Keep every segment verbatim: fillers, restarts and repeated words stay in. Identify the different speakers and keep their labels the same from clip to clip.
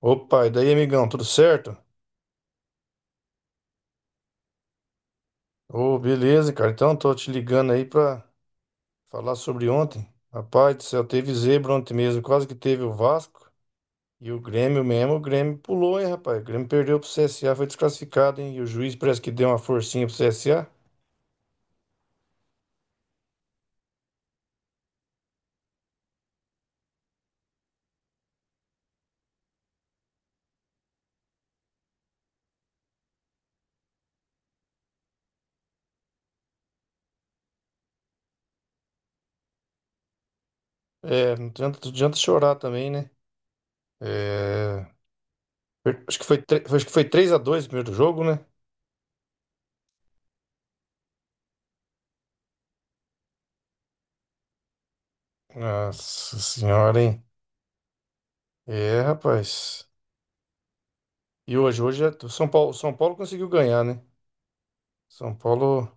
Speaker 1: Opa, e daí, amigão, tudo certo? Ô, beleza, cara. Então, tô te ligando aí pra falar sobre ontem. Rapaz do céu, teve zebra ontem mesmo. Quase que teve o Vasco e o Grêmio mesmo. O Grêmio pulou, hein, rapaz? O Grêmio perdeu pro C S A, foi desclassificado, hein? E o juiz parece que deu uma forcinha pro C S A. É, não adianta, não adianta chorar também, né? É, per- acho que foi, tre- acho que foi três a dois o primeiro jogo, né? Nossa senhora, hein? É, rapaz. E hoje, hoje, é- o São Paulo, o São Paulo conseguiu ganhar, né? São Paulo.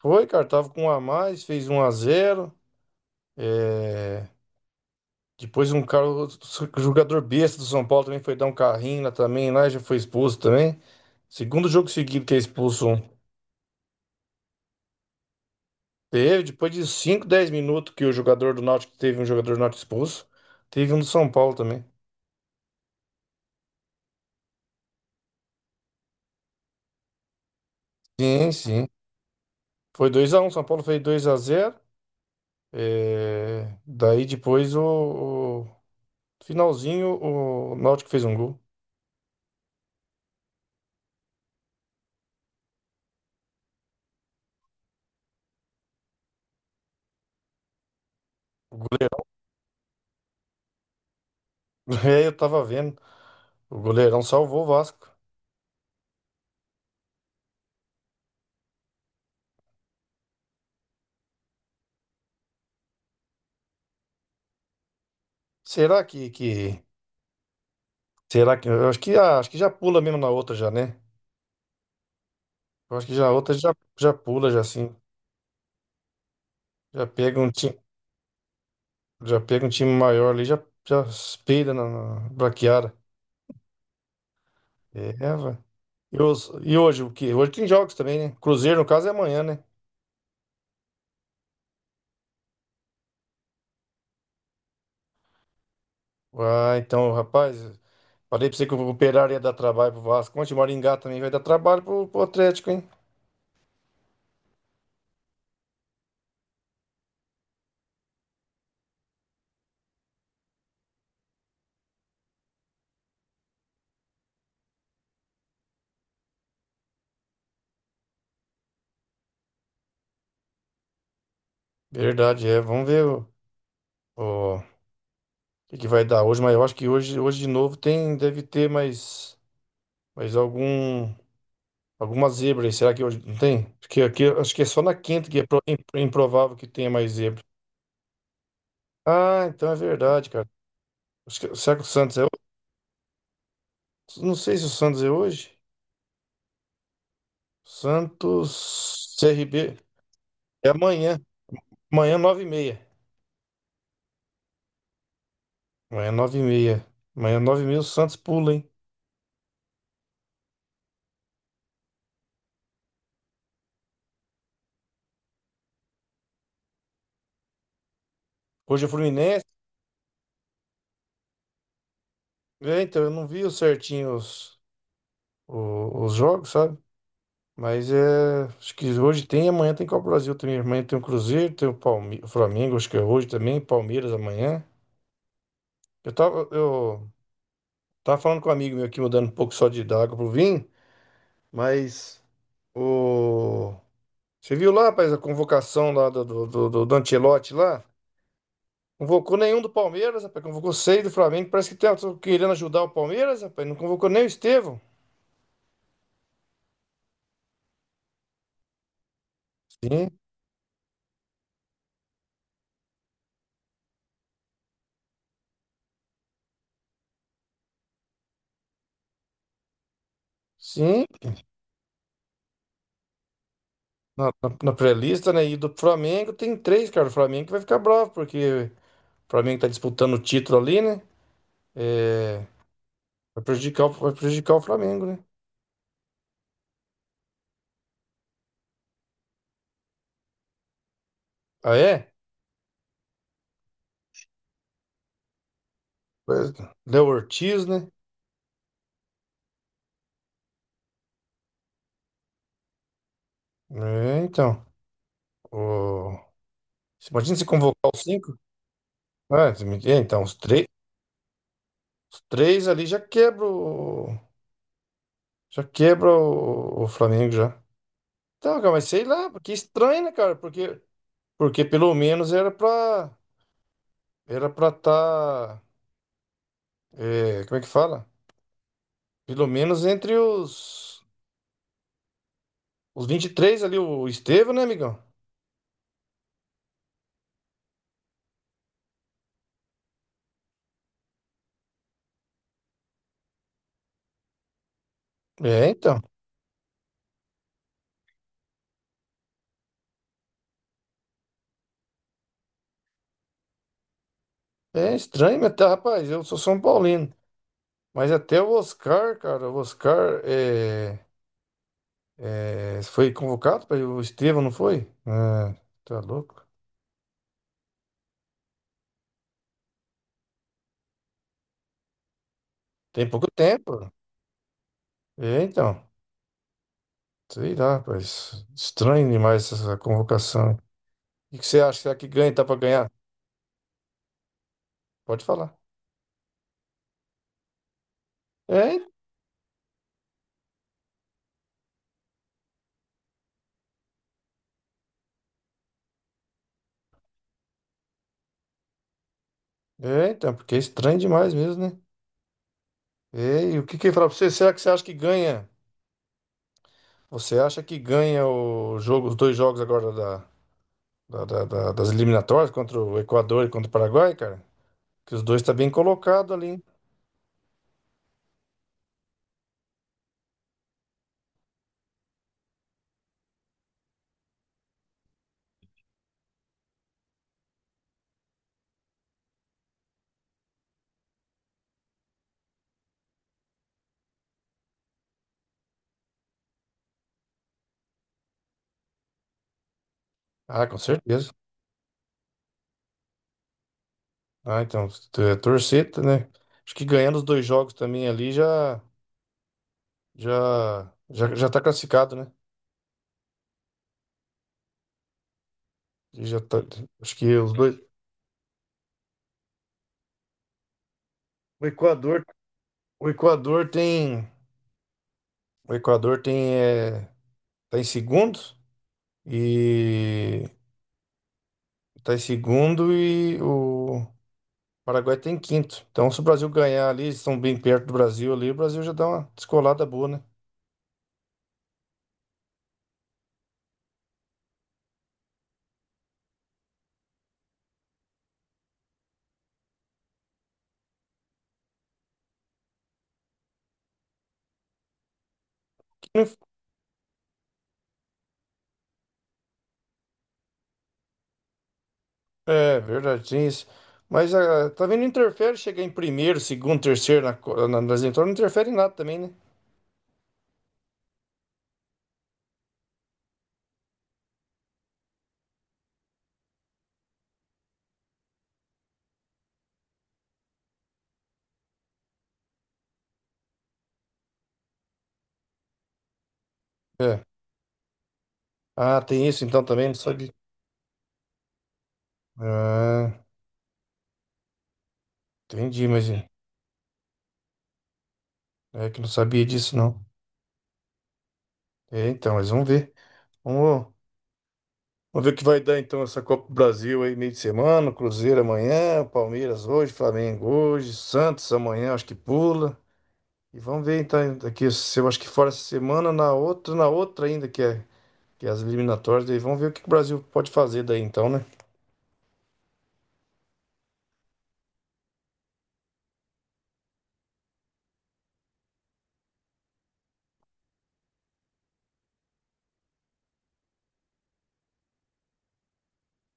Speaker 1: Foi, cara, tava com um a mais, fez um a zero. É. Depois um cara, outro jogador besta do São Paulo também foi dar um carrinho lá também, lá e já foi expulso também. Segundo jogo seguido que é expulso um. Teve, depois de cinco dez minutos que o jogador do Náutico teve um jogador do Náutico expulso, teve um do São Paulo também. Sim, sim. Foi dois a um. São Paulo fez dois a zero. Daí depois o, o finalzinho o Náutico fez um gol. O goleiro. É, eu tava vendo. O goleirão salvou o Vasco. Será que, que será que eu acho que ah, acho que já pula mesmo na outra já, né? Eu acho que já a outra já já pula já assim. Já pega um time, já pega um time maior ali, já já espelha na, na braquiara. É, vai. E, os- e hoje o que? Hoje tem jogos também, né? Cruzeiro no caso é amanhã, né? Ah, então, rapaz, falei pra você que o Operário ia dar trabalho pro Vasco. Ontem o Maringá também vai dar trabalho pro, pro Atlético, hein? Verdade, é. Vamos ver o, o- o que que vai dar hoje? Mas eu acho que hoje, hoje de novo tem, deve ter mais, mais algum, alguma zebra aí. Será que hoje não tem? Acho que, aqui, acho que é só na quinta que é pro- im- improvável que tenha mais zebra. Ah, então é verdade, cara. Acho que- será que o Santos é hoje? Não sei se o Santos é hoje. Santos C R B é amanhã. Amanhã, nove e meia. Amanhã, nove e meia. Amanhã, nove e meia o Santos pula, hein? Hoje é Fluminense. É, então, eu não vi o certinho os, o- os jogos, sabe? Mas é. Acho que hoje tem, amanhã tem Copa do Brasil também. Amanhã tem o Cruzeiro, tem o Palme... o Flamengo, acho que é hoje também, Palmeiras amanhã. Eu tava, eu tava falando com um amigo meu aqui, mudando um pouco só de da água pro vinho, mas o. Você viu lá, rapaz, a convocação lá do, do, do, do do Ancelotti lá? Convocou nenhum do Palmeiras, rapaz. Convocou seis do Flamengo. Parece que tá querendo ajudar o Palmeiras, rapaz. Não convocou nem o Estevão. Sim, sim. Na, na, na pré-lista, né? E do Flamengo tem três, cara. O Flamengo vai ficar bravo, porque o Flamengo tá disputando o título ali, né? É, vai prejudicar, o- vai prejudicar o Flamengo, né? Ah, é? Pois- Léo Ortiz, né? É, então. O... você imagina se convocar os cinco. Ah, você me- é, então, os três, os três ali já quebra o... Já quebra o, o Flamengo já. Então, cara, mas sei lá, porque é estranho, né, cara? Porque, porque pelo menos era pra... Era pra tá... é, como é que fala? Pelo menos entre os... Os vinte e três ali, o Estevão, né, amigão? É, então. É estranho, mas tá, rapaz, eu sou São Paulino. Mas até o Oscar, cara, o Oscar é, é, foi convocado para o Estevão, não foi? Ah, tá louco. Tem pouco tempo. É, então. Sei lá, rapaz. Estranho demais essa convocação. hein? O que que você acha? Será que ganha? Tá para ganhar? Pode falar. É, é, então, porque é estranho demais mesmo, né? É, e o que que eu ia falar pra você? Será que você acha que ganha? Você acha que ganha o jogo, os dois jogos agora da? da- da- da- das eliminatórias contra o Equador e contra o Paraguai, cara. Que os dois tá bem colocado ali, hein? Ah, com certeza. Ah, então, t- torcer, tá, né? Acho que ganhando os dois jogos também ali já já já, já tá classificado, né? E já tá, acho que os dois o Equador, o Equador tem o Equador tem é, tá em segundo e tá em segundo e o Paraguai tem quinto. Então, se o Brasil ganhar ali, eles estão bem perto do Brasil ali, o Brasil já dá uma descolada boa, né? É, verdade, tem isso. Mas ah, tá vendo, não interfere chegar em primeiro, segundo, terceiro na, co- na, nas entradas, não interfere em nada também, né? É. Ah, tem isso então também, não sabia. Ah, entendi, mas é é que não sabia disso, não. É, então, mas vamos ver. Vamos, vamos ver o que vai dar então essa Copa do Brasil aí, meio de semana, Cruzeiro amanhã, Palmeiras hoje, Flamengo hoje, Santos amanhã, acho que pula. E vamos ver então aqui, se eu acho que fora essa semana, na outra, na outra ainda que é, que é as eliminatórias, daí vamos ver o que que o Brasil pode fazer daí então, né?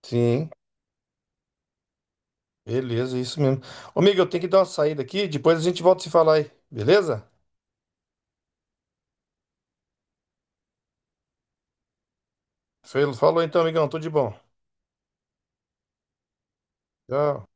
Speaker 1: Sim, beleza, isso mesmo. Ô, amigo, eu tenho que dar uma saída aqui, depois a gente volta a se falar aí, beleza? Fe- Falou então, amigão, tudo de bom. Tchau.